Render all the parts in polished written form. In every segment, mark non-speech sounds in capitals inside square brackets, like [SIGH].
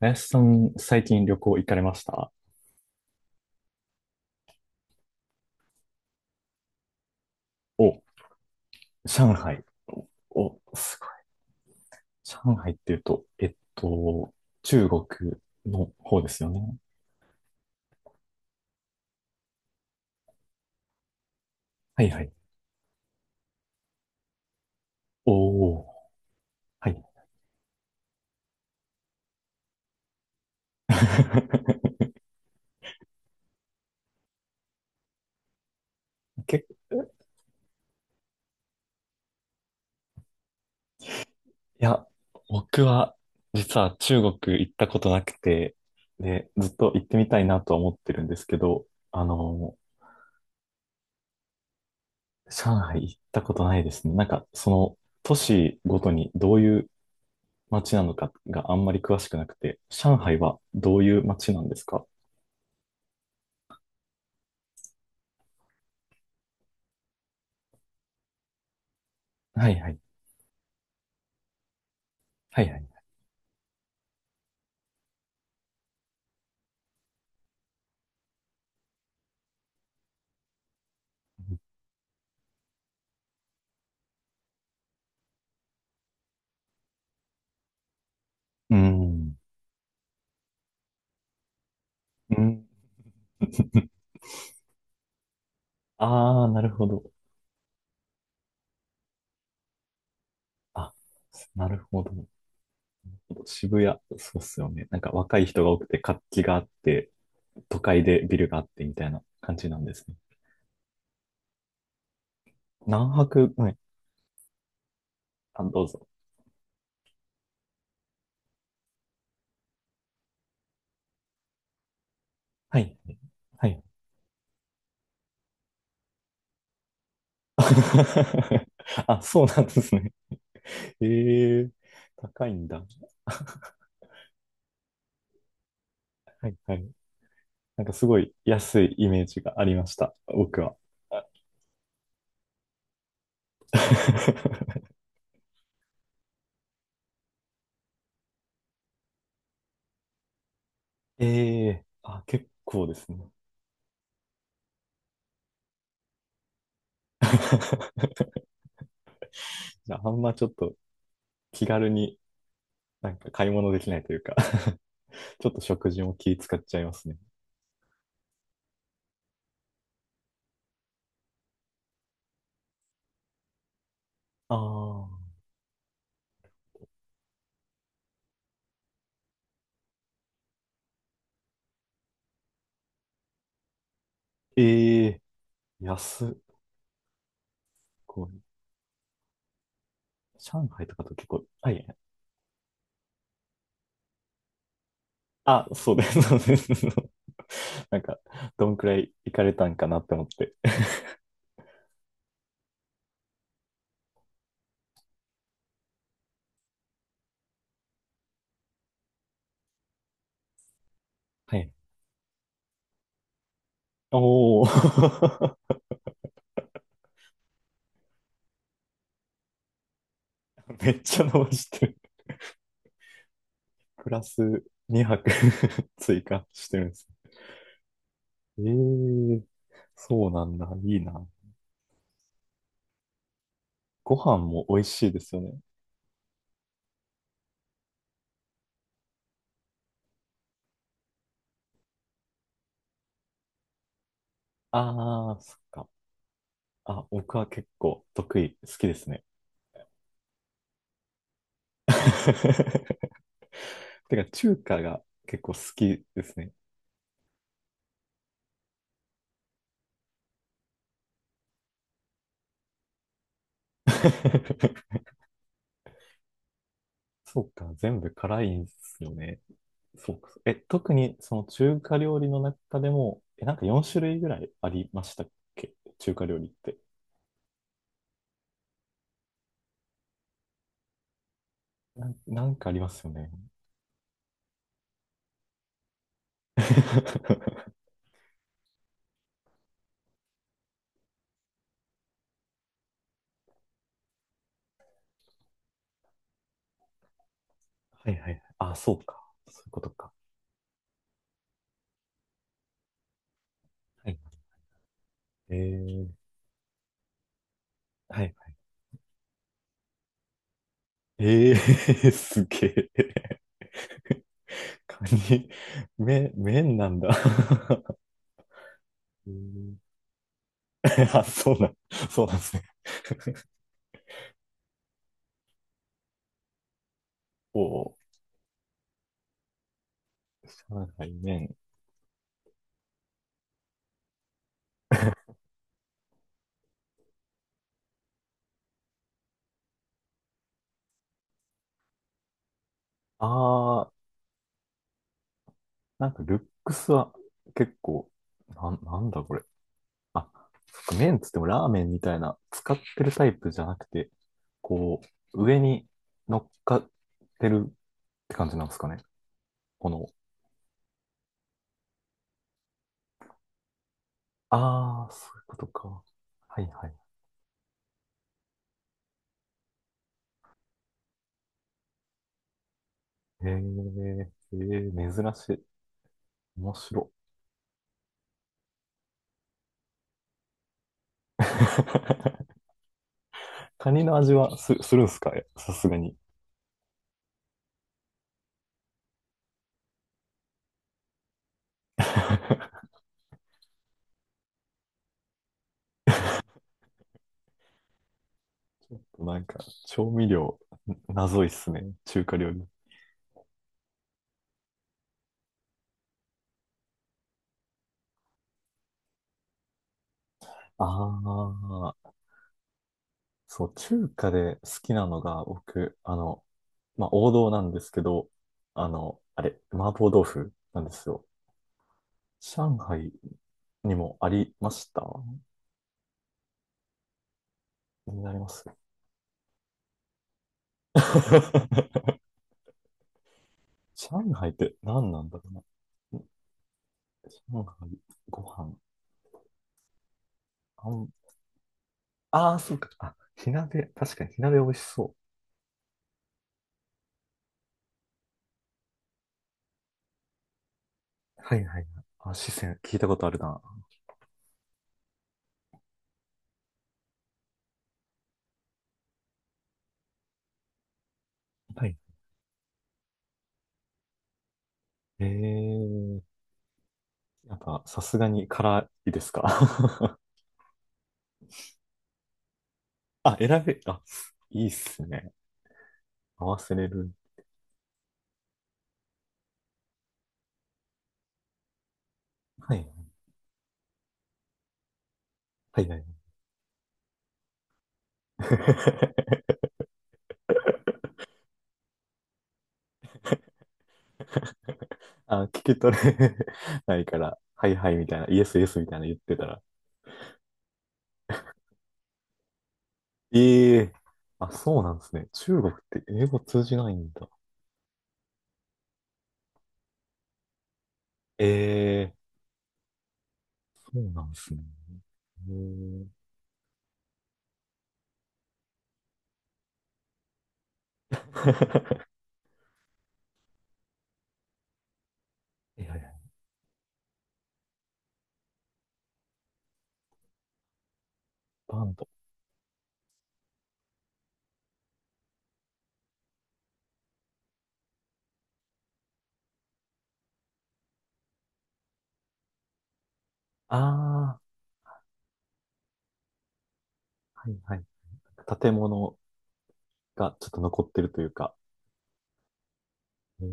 林さん、最近旅行行かれました？お、上海。お、すごい。上海っていうと、中国の方ですよね。はいはい。おー、はい。[LAUGHS] け、いや、僕は実は中国行ったことなくて、で、ずっと行ってみたいなとは思ってるんですけど、あの、上海行ったことないですね。なんか、その都市ごとにどういう街なのかがあんまり詳しくなくて、上海はどういう街なんですか？はいはい。はいはい。うん。うん。あ [LAUGHS] あ、なるほど。あ、なるほど。渋谷、そうっすよね。なんか若い人が多くて活気があって、都会でビルがあってみたいな感じなんですね。何泊、はい。あ、どうぞ。はい。はい。[LAUGHS] あ、そうなんですね。ええ、高いんだ。[LAUGHS] はいはい。なんかすごい安いイメージがありました、僕は。[LAUGHS] ええ、あ、結構ですね。[LAUGHS] じゃあ、あんまちょっと気軽になんか買い物できないというか [LAUGHS] ちょっと食事も気使っちゃいますね。ああ、ええ、安っ、こう、上海とかと結構、あ、いや、あ、そうです、そうです。[LAUGHS] なんか、どんくらい行かれたんかなって思って。はい。おお [LAUGHS] めっちゃ伸ばしてる。プラス2泊 [LAUGHS] 追加してるんです。ええ、そうなんだ。いいな。ご飯も美味しいですよね。ああ、そっか。あ、僕は結構得意、好きですね。[LAUGHS] てか、中華が結構好きですね。[LAUGHS] そうか、全部辛いんですよね。そうか。え、特にその中華料理の中でも、え、なんか4種類ぐらいありましたっけ？中華料理って。なんかありますよね。[LAUGHS] はいはいはい。あ、そうか。そういうことか。はい。えー、はい。えー、[LAUGHS] すげえ。カニ、麺なんだ。[LAUGHS] えー [LAUGHS] あ、そうなんですね。[LAUGHS] おー、上海麺。あー、なんかルックスは結構、なんだこれ。あ、そっか、麺っつってもラーメンみたいな、使ってるタイプじゃなくて、こう、上に乗っかってるって感じなんですかね。この、ああ、そういうことか。はいはい。へえ、えー、珍しい。面白い。[LAUGHS] カニの味はするんすか？さすがに。[LAUGHS] なんか、調味料、謎いっすね。中華料理。ああ、そう、中華で好きなのが、僕、あの、まあ、王道なんですけど、あの、あれ、麻婆豆腐なんですよ。上海にもありました？になります？ [LAUGHS] 上海って何なんだろうな。上海、ご飯、あん、ああ、そうか。あ、火鍋、確かに火鍋美味しそう。はいはいはい。あ、四川、聞いたことあるな。はい。えー、やっぱさすがに辛いですか？ [LAUGHS] あ、あ、いいっすね。合わせれる。はい。はいはい。[LAUGHS] あ、聞き取れないから、はいはいみたいな、イエスイエスみたいな言ってたら。ええー、あ、そうなんですね。中国って英語通じないんだ。ええ、そうなんですね。へえ。[LAUGHS] いやいや、バンド。ああ、はいはい。建物がちょっと残ってるというか。へえ、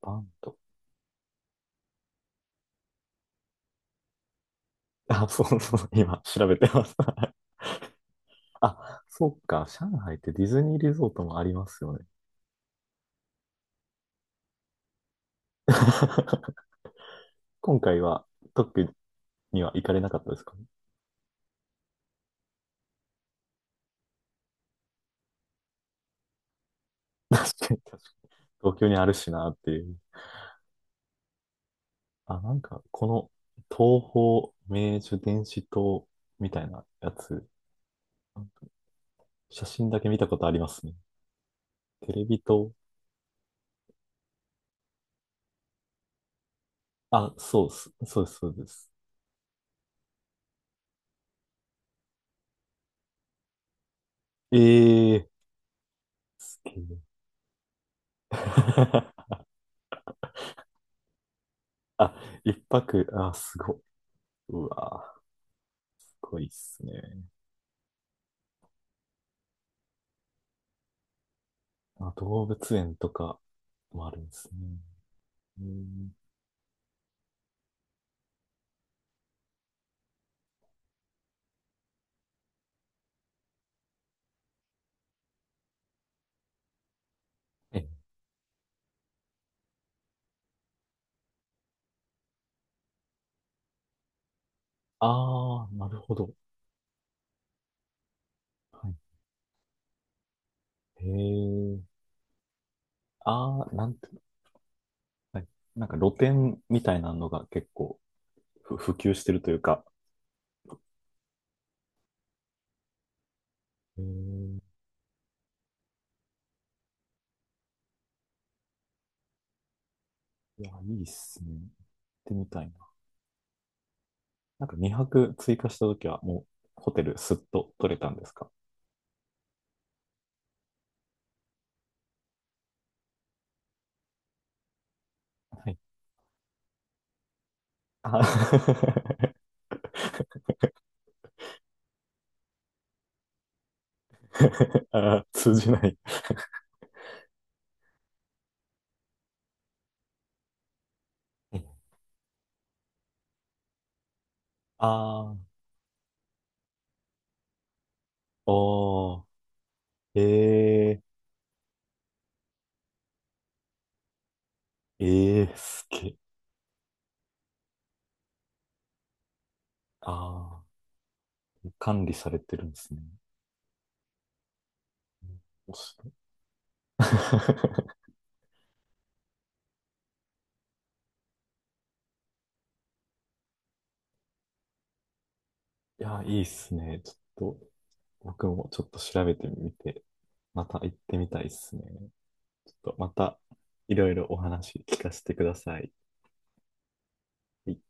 バンド。[LAUGHS] あ、そうそう、今調べてます。[LAUGHS] あ、そうか、上海ってディズニーリゾートもありますよね。[LAUGHS] 今回は特には行かれなかったですかね？[LAUGHS] 確かに、確かに。東京にあるしなっていう。あ、なんか、この東方明珠電子塔みたいなやつ、写真だけ見たことありますね。テレビと、あ、そうです、そうです、そうです。ええー、すげえ。[LAUGHS] あ、一泊、あ、すごい。うわー、すごいっすね。あ、動物園とかもあるんですね。うん、え、あー、なるほど。はい。へえ、あー、なんて、はい。なんか露店みたいなのが結構普及してるというか。へえ、いや、いいっすね。行ってみたいな。なんか2泊追加したときは、もうホテルすっと取れたんですか？はい。あ [LAUGHS] あー、通じない。ああ、おー、ええー、ええー、すげえ。ああ、管理されてるんですね。面白い [LAUGHS] いやー、いいっすね。ちょっと、僕もちょっと調べてみて、また行ってみたいっすね。ちょっとまた、いろいろお話聞かせてください。はい